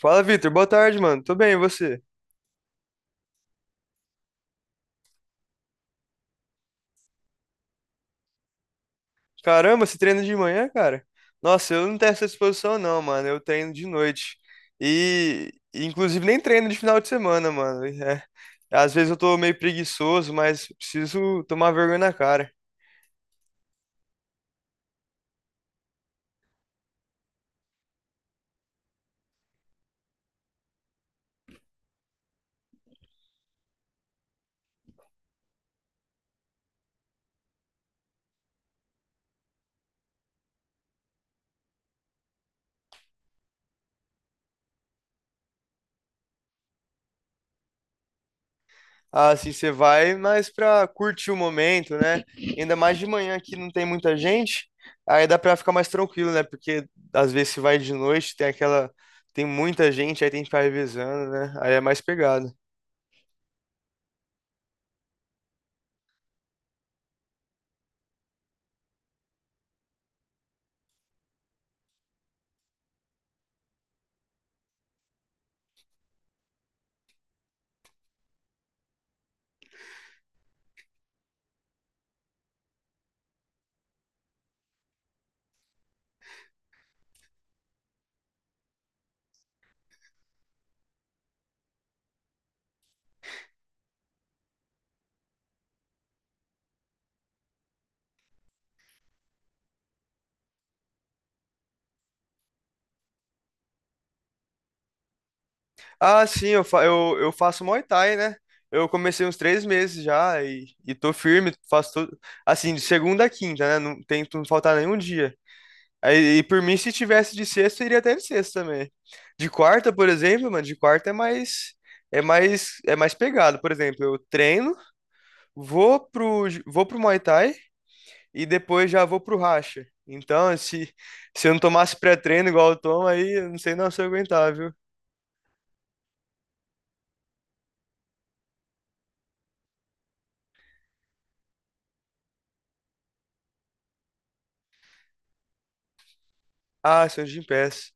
Fala, Vitor. Boa tarde, mano. Tô bem, e você? Caramba, você treina de manhã, cara? Nossa, eu não tenho essa disposição, não, mano. Eu treino de noite. E, inclusive, nem treino de final de semana, mano. É. Às vezes eu tô meio preguiçoso, mas preciso tomar vergonha na cara. Ah, assim, você vai mais pra curtir o momento, né? Ainda mais de manhã que não tem muita gente, aí dá pra ficar mais tranquilo, né? Porque às vezes você vai de noite, tem aquela. Tem muita gente, aí tem que ficar revezando, né? Aí é mais pegado. Ah, sim, eu faço Muay Thai, né? Eu comecei uns 3 meses já e tô firme, faço tudo. Assim, de segunda a quinta, né? Não tento não faltar nenhum dia. Aí, e por mim, se tivesse de sexta, iria até de sexta também. De quarta, por exemplo, mano, de quarta é mais. É mais pegado, por exemplo, eu treino, vou pro Muay Thai e depois já vou pro racha. Então, se eu não tomasse pré-treino igual eu tomo, aí eu não sei não se eu aguentar, viu? Ah, Santos de Gimpass.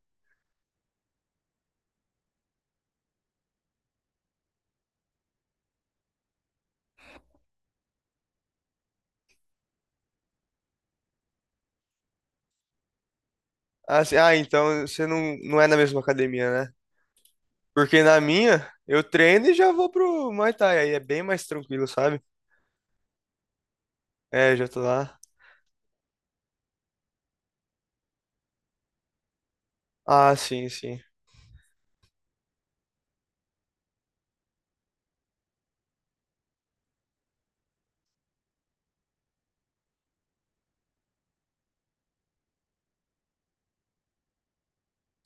Ah, então você não é na mesma academia, né? Porque na minha, eu treino e já vou pro Muay Thai, aí é bem mais tranquilo, sabe? É, já tô lá. Ah, sim, sim.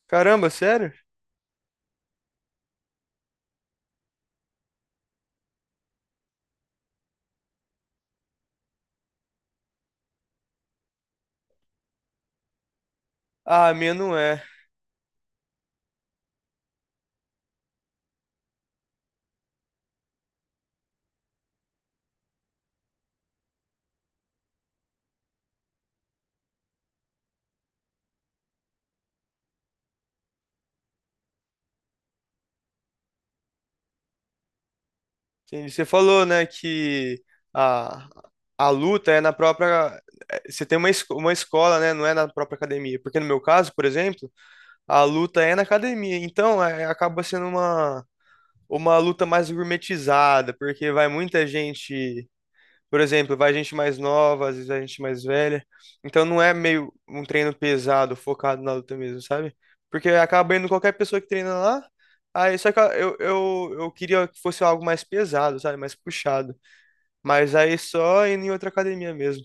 Caramba, sério? Ah, a minha não é. Entendi. Você falou, né, que a, a luta é na própria. É, você tem uma escola, né? Não é na própria academia. Porque no meu caso, por exemplo, a luta é na academia. Então, acaba sendo uma luta mais gourmetizada, porque vai muita gente. Por exemplo, vai gente mais nova, às vezes vai gente mais velha. Então não é meio um treino pesado, focado na luta mesmo, sabe? Porque acaba indo qualquer pessoa que treina lá. Aí só que eu queria que fosse algo mais pesado, sabe? Mais puxado. Mas aí só indo em outra academia mesmo.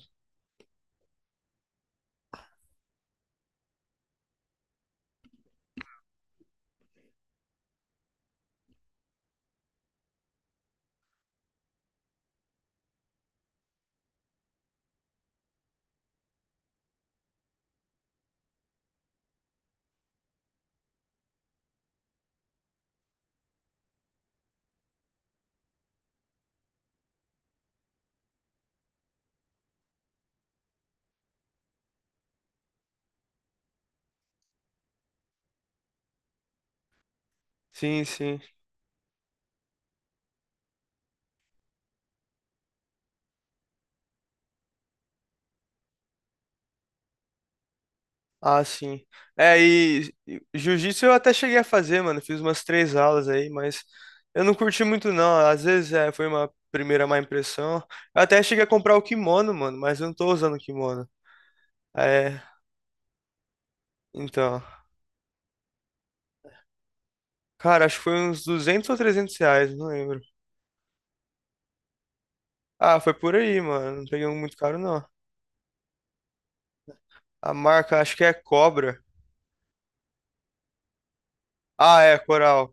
Sim, sim. Ah, sim. É, e jiu-jitsu eu até cheguei a fazer, mano. Fiz umas três aulas aí, mas eu não curti muito, não. Às vezes foi uma primeira má impressão. Eu até cheguei a comprar o kimono, mano, mas eu não tô usando o kimono. É, então. Cara, acho que foi uns R$ 200 ou R$ 300, não lembro. Ah, foi por aí, mano. Não peguei um muito caro, não. A marca, acho que é Cobra. Ah, é, Coral.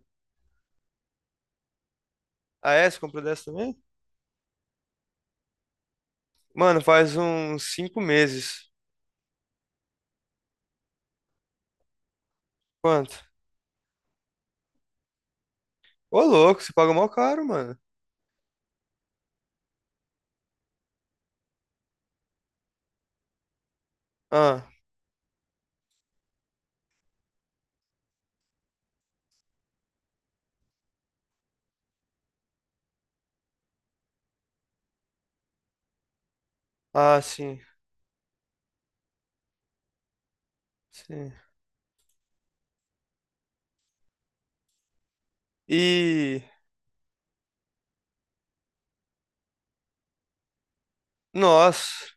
Ah, é? Você comprou dessa também? Mano, faz uns 5 meses. Quanto? Ô, louco, você paga mó caro, mano. Ah. Ah, sim, sim. E. Nossa.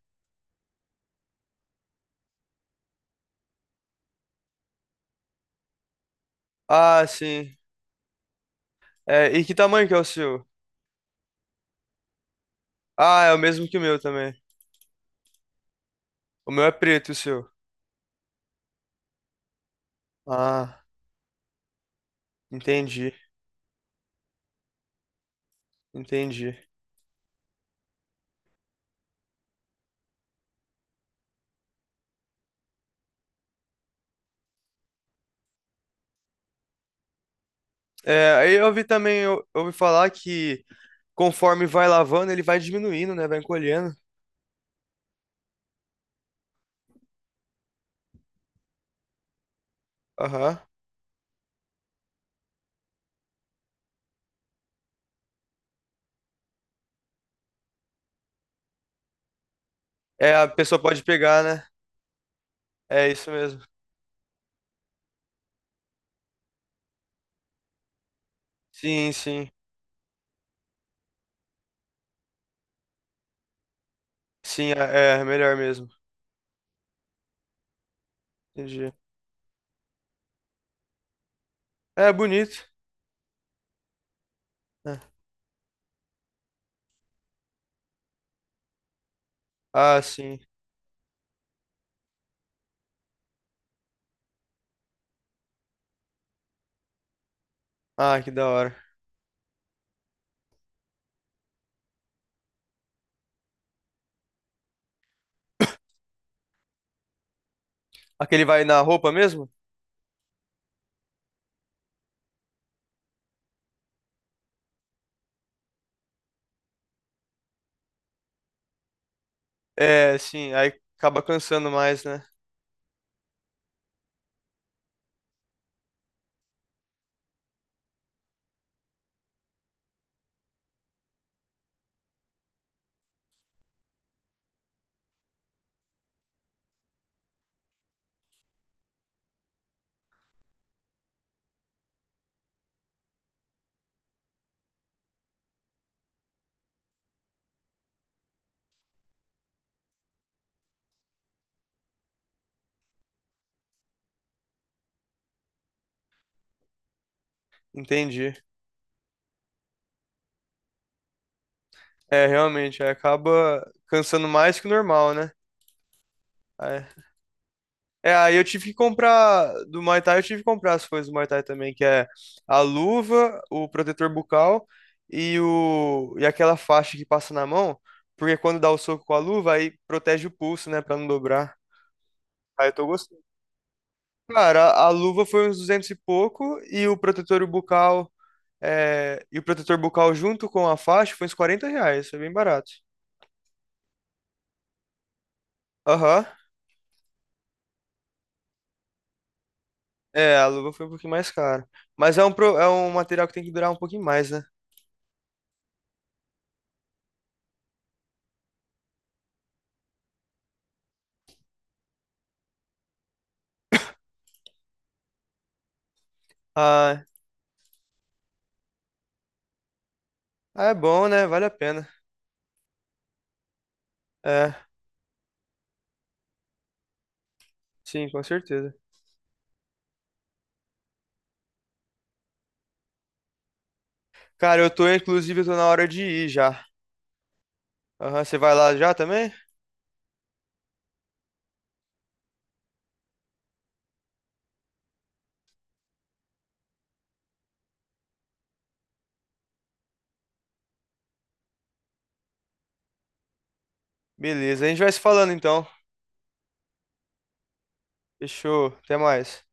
Ah, sim. É, e que tamanho que é o seu? Ah, é o mesmo que o meu também. O meu é preto, e o seu. Ah, entendi, entendi. É, aí eu ouvi também, eu ouvi falar que conforme vai lavando, ele vai diminuindo, né? Vai encolhendo. Aham. É, a pessoa pode pegar, né? É isso mesmo. Sim, sim. Sim, é melhor mesmo. Entendi. É bonito, né? Ah, sim. Ah, que da hora. Aquele vai na roupa mesmo? É, sim, aí acaba cansando mais, né? Entendi. É, realmente, aí acaba cansando mais que o normal, né? Aí- É, aí eu tive que comprar do Muay Thai, eu tive que comprar as coisas do Muay Thai também, que é a luva, o protetor bucal e o e aquela faixa que passa na mão, porque quando dá o soco com a luva, aí protege o pulso, né, pra não dobrar. Aí eu tô gostando. Cara, a luva foi uns 200 e pouco e o protetor bucal. É, e o protetor bucal junto com a faixa foi uns R$ 40, foi bem barato. Aham. É, a luva foi um pouquinho mais cara. Mas é um material que tem que durar um pouquinho mais, né? Ah, ah, é bom, né? Vale a pena. É, sim, com certeza. Cara, eu tô, inclusive, eu tô na hora de ir já. Aham, você vai lá já também? Beleza, a gente vai se falando então. Fechou, até mais.